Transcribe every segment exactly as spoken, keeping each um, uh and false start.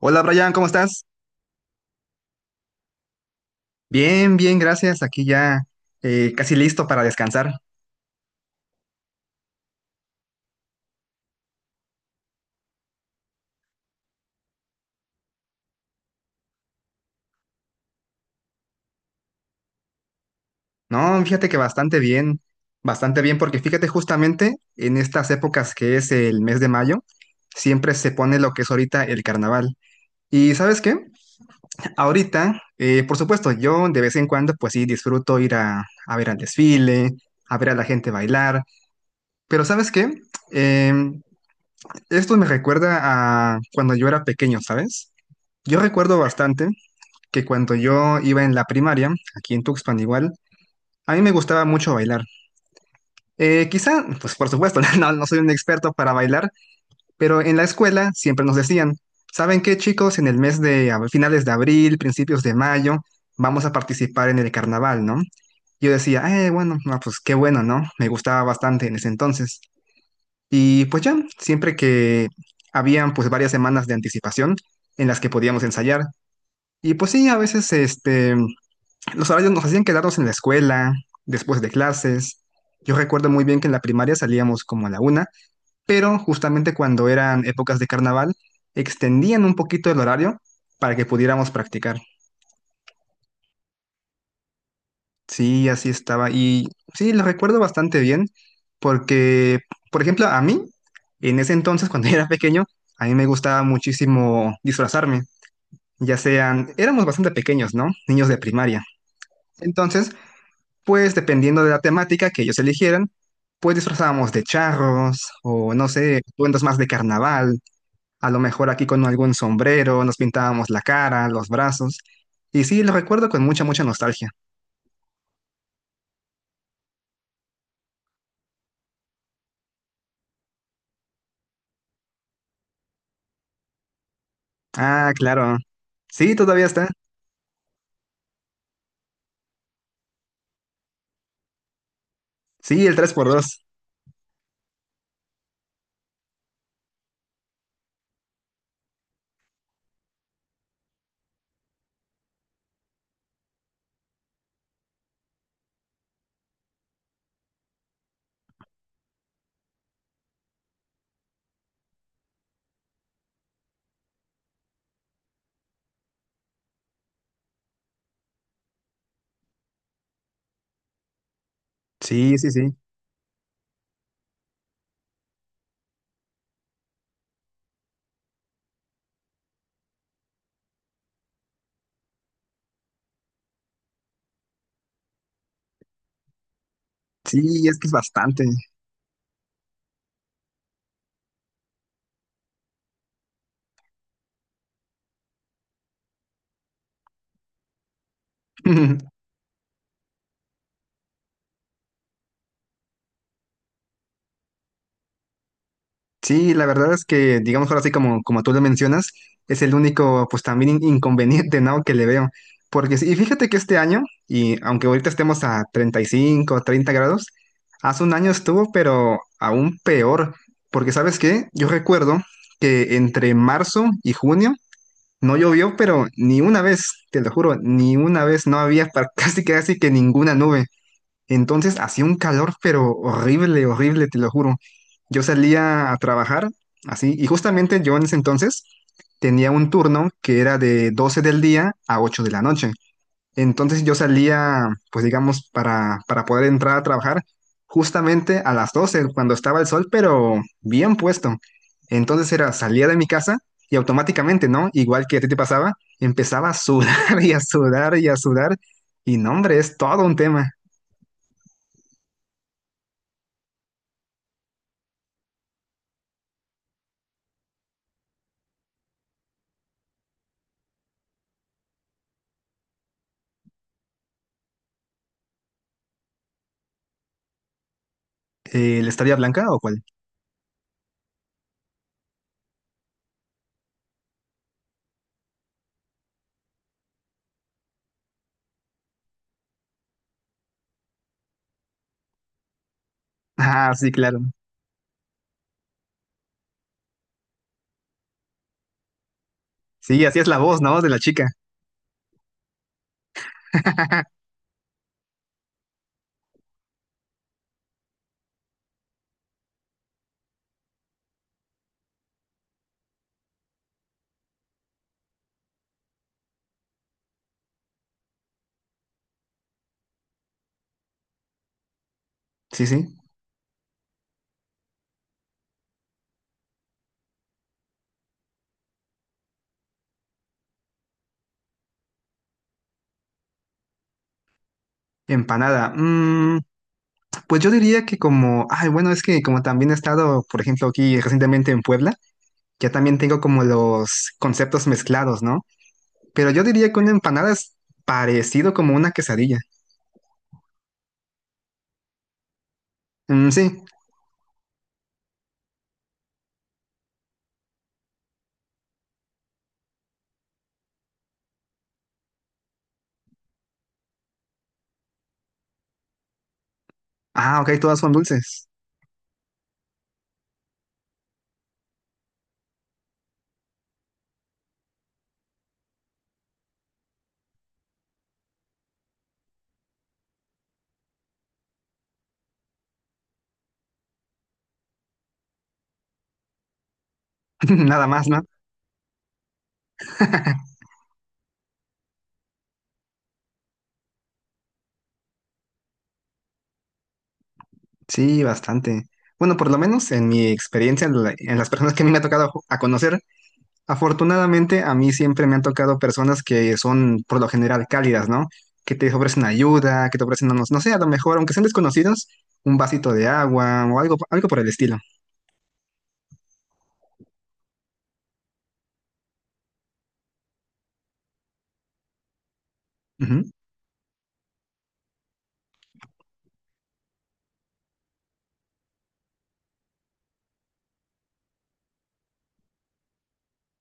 Hola Brian, ¿cómo estás? Bien, bien, gracias. Aquí ya eh, casi listo para descansar. No, fíjate que bastante bien, bastante bien, porque fíjate justamente en estas épocas que es el mes de mayo, siempre se pone lo que es ahorita el carnaval. ¿Y sabes qué? Ahorita, eh, por supuesto, yo de vez en cuando pues sí disfruto ir a, a ver al desfile, a ver a la gente bailar, pero ¿sabes qué? Em, esto me recuerda a cuando yo era pequeño, ¿sabes? Yo recuerdo bastante que cuando yo iba en la primaria, aquí en Tuxpan igual, a mí me gustaba mucho bailar. Eh, quizá, pues por supuesto, no, no soy un experto para bailar, pero en la escuela siempre nos decían, ¿saben qué, chicos? En el mes de ab- finales de abril, principios de mayo, vamos a participar en el carnaval, ¿no? Yo decía, eh, bueno, no, pues qué bueno, ¿no? Me gustaba bastante en ese entonces. Y pues ya, siempre que habían pues varias semanas de anticipación en las que podíamos ensayar. Y pues sí, a veces este, los horarios nos hacían quedarnos en la escuela, después de clases. Yo recuerdo muy bien que en la primaria salíamos como a la una, pero justamente cuando eran épocas de carnaval, extendían un poquito el horario para que pudiéramos practicar. Sí, así estaba. Y sí, lo recuerdo bastante bien, porque, por ejemplo, a mí, en ese entonces, cuando era pequeño, a mí me gustaba muchísimo disfrazarme, ya sean, éramos bastante pequeños, ¿no? Niños de primaria. Entonces, pues dependiendo de la temática que ellos eligieran, pues disfrazábamos de charros o no sé, atuendos más de carnaval, a lo mejor aquí con algún sombrero, nos pintábamos la cara, los brazos. Y sí, lo recuerdo con mucha, mucha nostalgia. Ah, claro. Sí, todavía está. Sí, el tres por dos. Sí, sí, sí. Sí, es que es bastante. Sí, la verdad es que, digamos ahora sí como, como, tú lo mencionas, es el único, pues también in- inconveniente, ¿no? que le veo. Porque, sí, y fíjate que este año, y aunque ahorita estemos a treinta y cinco, treinta grados, hace un año estuvo, pero aún peor. Porque, ¿sabes qué? Yo recuerdo que entre marzo y junio no llovió, pero ni una vez, te lo juro, ni una vez no había pa- casi casi que ninguna nube. Entonces hacía un calor, pero horrible, horrible, te lo juro. Yo salía a trabajar así, y justamente yo en ese entonces tenía un turno que era de doce del día a ocho de la noche. Entonces yo salía, pues digamos, para, para poder entrar a trabajar justamente a las doce, cuando estaba el sol, pero bien puesto. Entonces era, salía de mi casa y automáticamente, ¿no? Igual que a ti te pasaba, empezaba a sudar y a sudar y a sudar. Y no, hombre, es todo un tema. Eh, ¿la Estrella Blanca o cuál? Ah, sí, claro. Sí, así es la voz, ¿no? De la chica. Sí, sí. Empanada. Mm, pues yo diría que como, ay, bueno, es que como también he estado, por ejemplo, aquí recientemente en Puebla, ya también tengo como los conceptos mezclados, ¿no? Pero yo diría que una empanada es parecido como una quesadilla. Mm, sí. Ah, ok, todas son dulces. Nada más, ¿no? Sí, bastante. Bueno, por lo menos en mi experiencia, en la- en las personas que a mí me ha tocado a conocer, afortunadamente, a mí siempre me han tocado personas que son por lo general cálidas, ¿no? Que te ofrecen ayuda, que te ofrecen, no, no sé, a lo mejor, aunque sean desconocidos, un vasito de agua o algo, algo por el estilo. Ujú.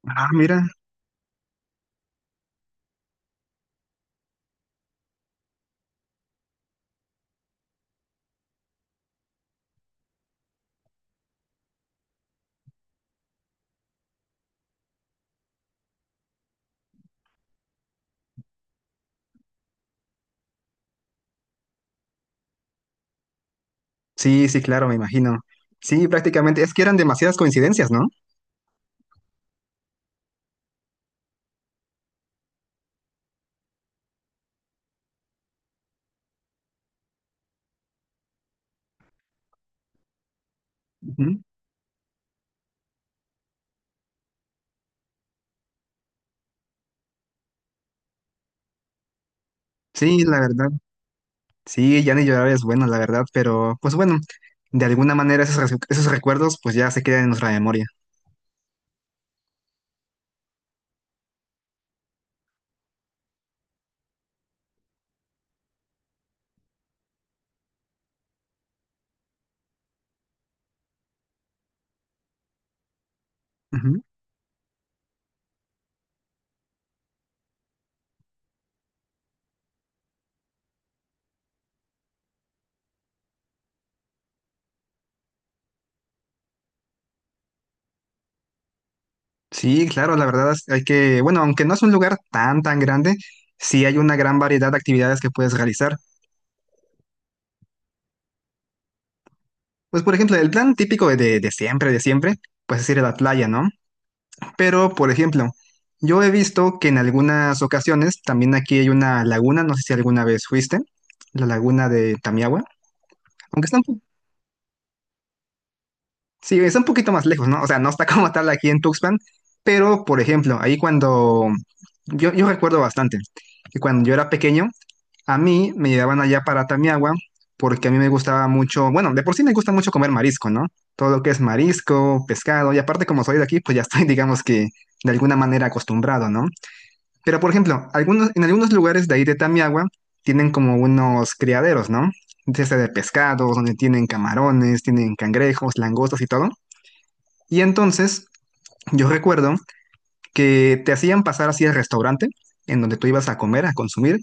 Ah, mira. Sí, sí, claro, me imagino. Sí, prácticamente. Es que eran demasiadas coincidencias, ¿no? Ujú. Sí, la verdad. Sí, ya ni llorar es bueno, la verdad, pero pues bueno, de alguna manera esos, res- esos recuerdos pues ya se quedan en nuestra memoria. Sí, claro, la verdad es- hay que, bueno, aunque no es un lugar tan, tan grande, sí hay una gran variedad de actividades que puedes realizar. Pues, por ejemplo, el plan típico de, de, siempre, de siempre, pues es ir a la playa, ¿no? Pero, por ejemplo, yo he visto que en algunas ocasiones, también aquí hay una laguna, no sé si alguna vez fuiste, la laguna de Tamiahua, aunque está un, po- sí, está un poquito más lejos, ¿no? O sea, no está como tal aquí en Tuxpan, pero, por ejemplo, ahí cuando, yo, yo recuerdo bastante que cuando yo era pequeño, a mí me llevaban allá para Tamiagua, porque a mí me gustaba mucho, bueno, de por sí me gusta mucho comer marisco, ¿no? Todo lo que es marisco, pescado, y aparte como soy de aquí, pues ya estoy, digamos que, de alguna manera acostumbrado, ¿no? Pero por ejemplo, algunos, en algunos lugares de ahí de Tamiagua tienen como unos criaderos, ¿no? Desde de pescados, donde tienen camarones, tienen cangrejos, langostas y todo. Y entonces yo recuerdo que te hacían pasar así al restaurante en donde tú ibas a comer, a consumir,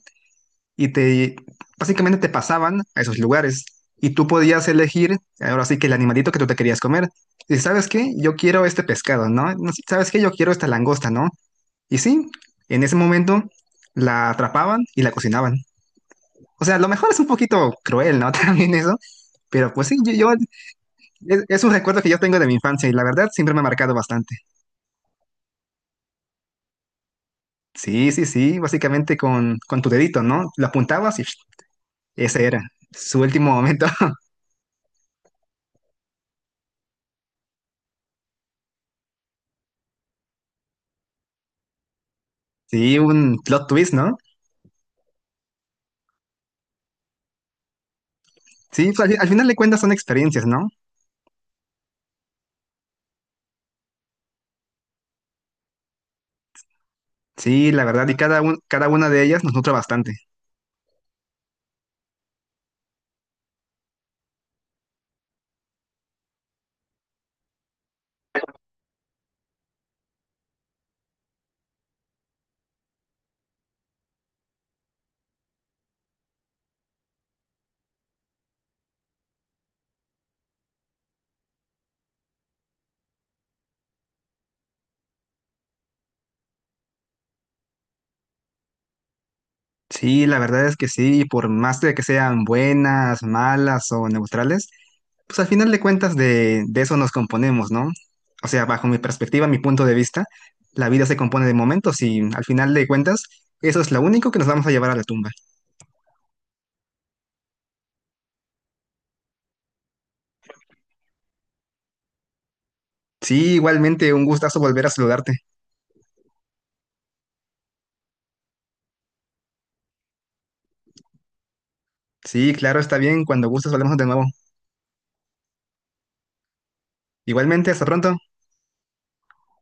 y te básicamente te pasaban a esos lugares y tú podías elegir, ahora sí que el animalito que tú te querías comer. Y sabes qué, yo quiero este pescado, ¿no? No, ¿sabes qué? Yo quiero esta langosta, ¿no? Y sí, en ese momento la atrapaban y la cocinaban. O sea, a lo mejor es un poquito cruel, ¿no? También eso, pero pues sí, yo, yo- es, es un recuerdo que yo tengo de mi infancia y la verdad siempre me ha marcado bastante. Sí, sí, sí, básicamente con, con tu dedito, ¿no? Lo apuntabas y ese era su último momento. Sí, un plot twist, ¿no? Sí, pues, al, fi- al final de cuentas son experiencias, ¿no? Sí, la verdad, y cada, un- cada una de ellas nos nutre bastante. Sí, la verdad es que sí, por más de que sean buenas, malas o neutrales, pues al final de cuentas de, de, eso nos componemos, ¿no? O sea, bajo mi perspectiva, mi punto de vista, la vida se compone de momentos y al final de cuentas, eso es lo único que nos vamos a llevar a la tumba. Sí, igualmente, un gustazo volver a saludarte. Sí, claro, está bien, cuando gustes hablamos de nuevo. Igualmente, hasta pronto.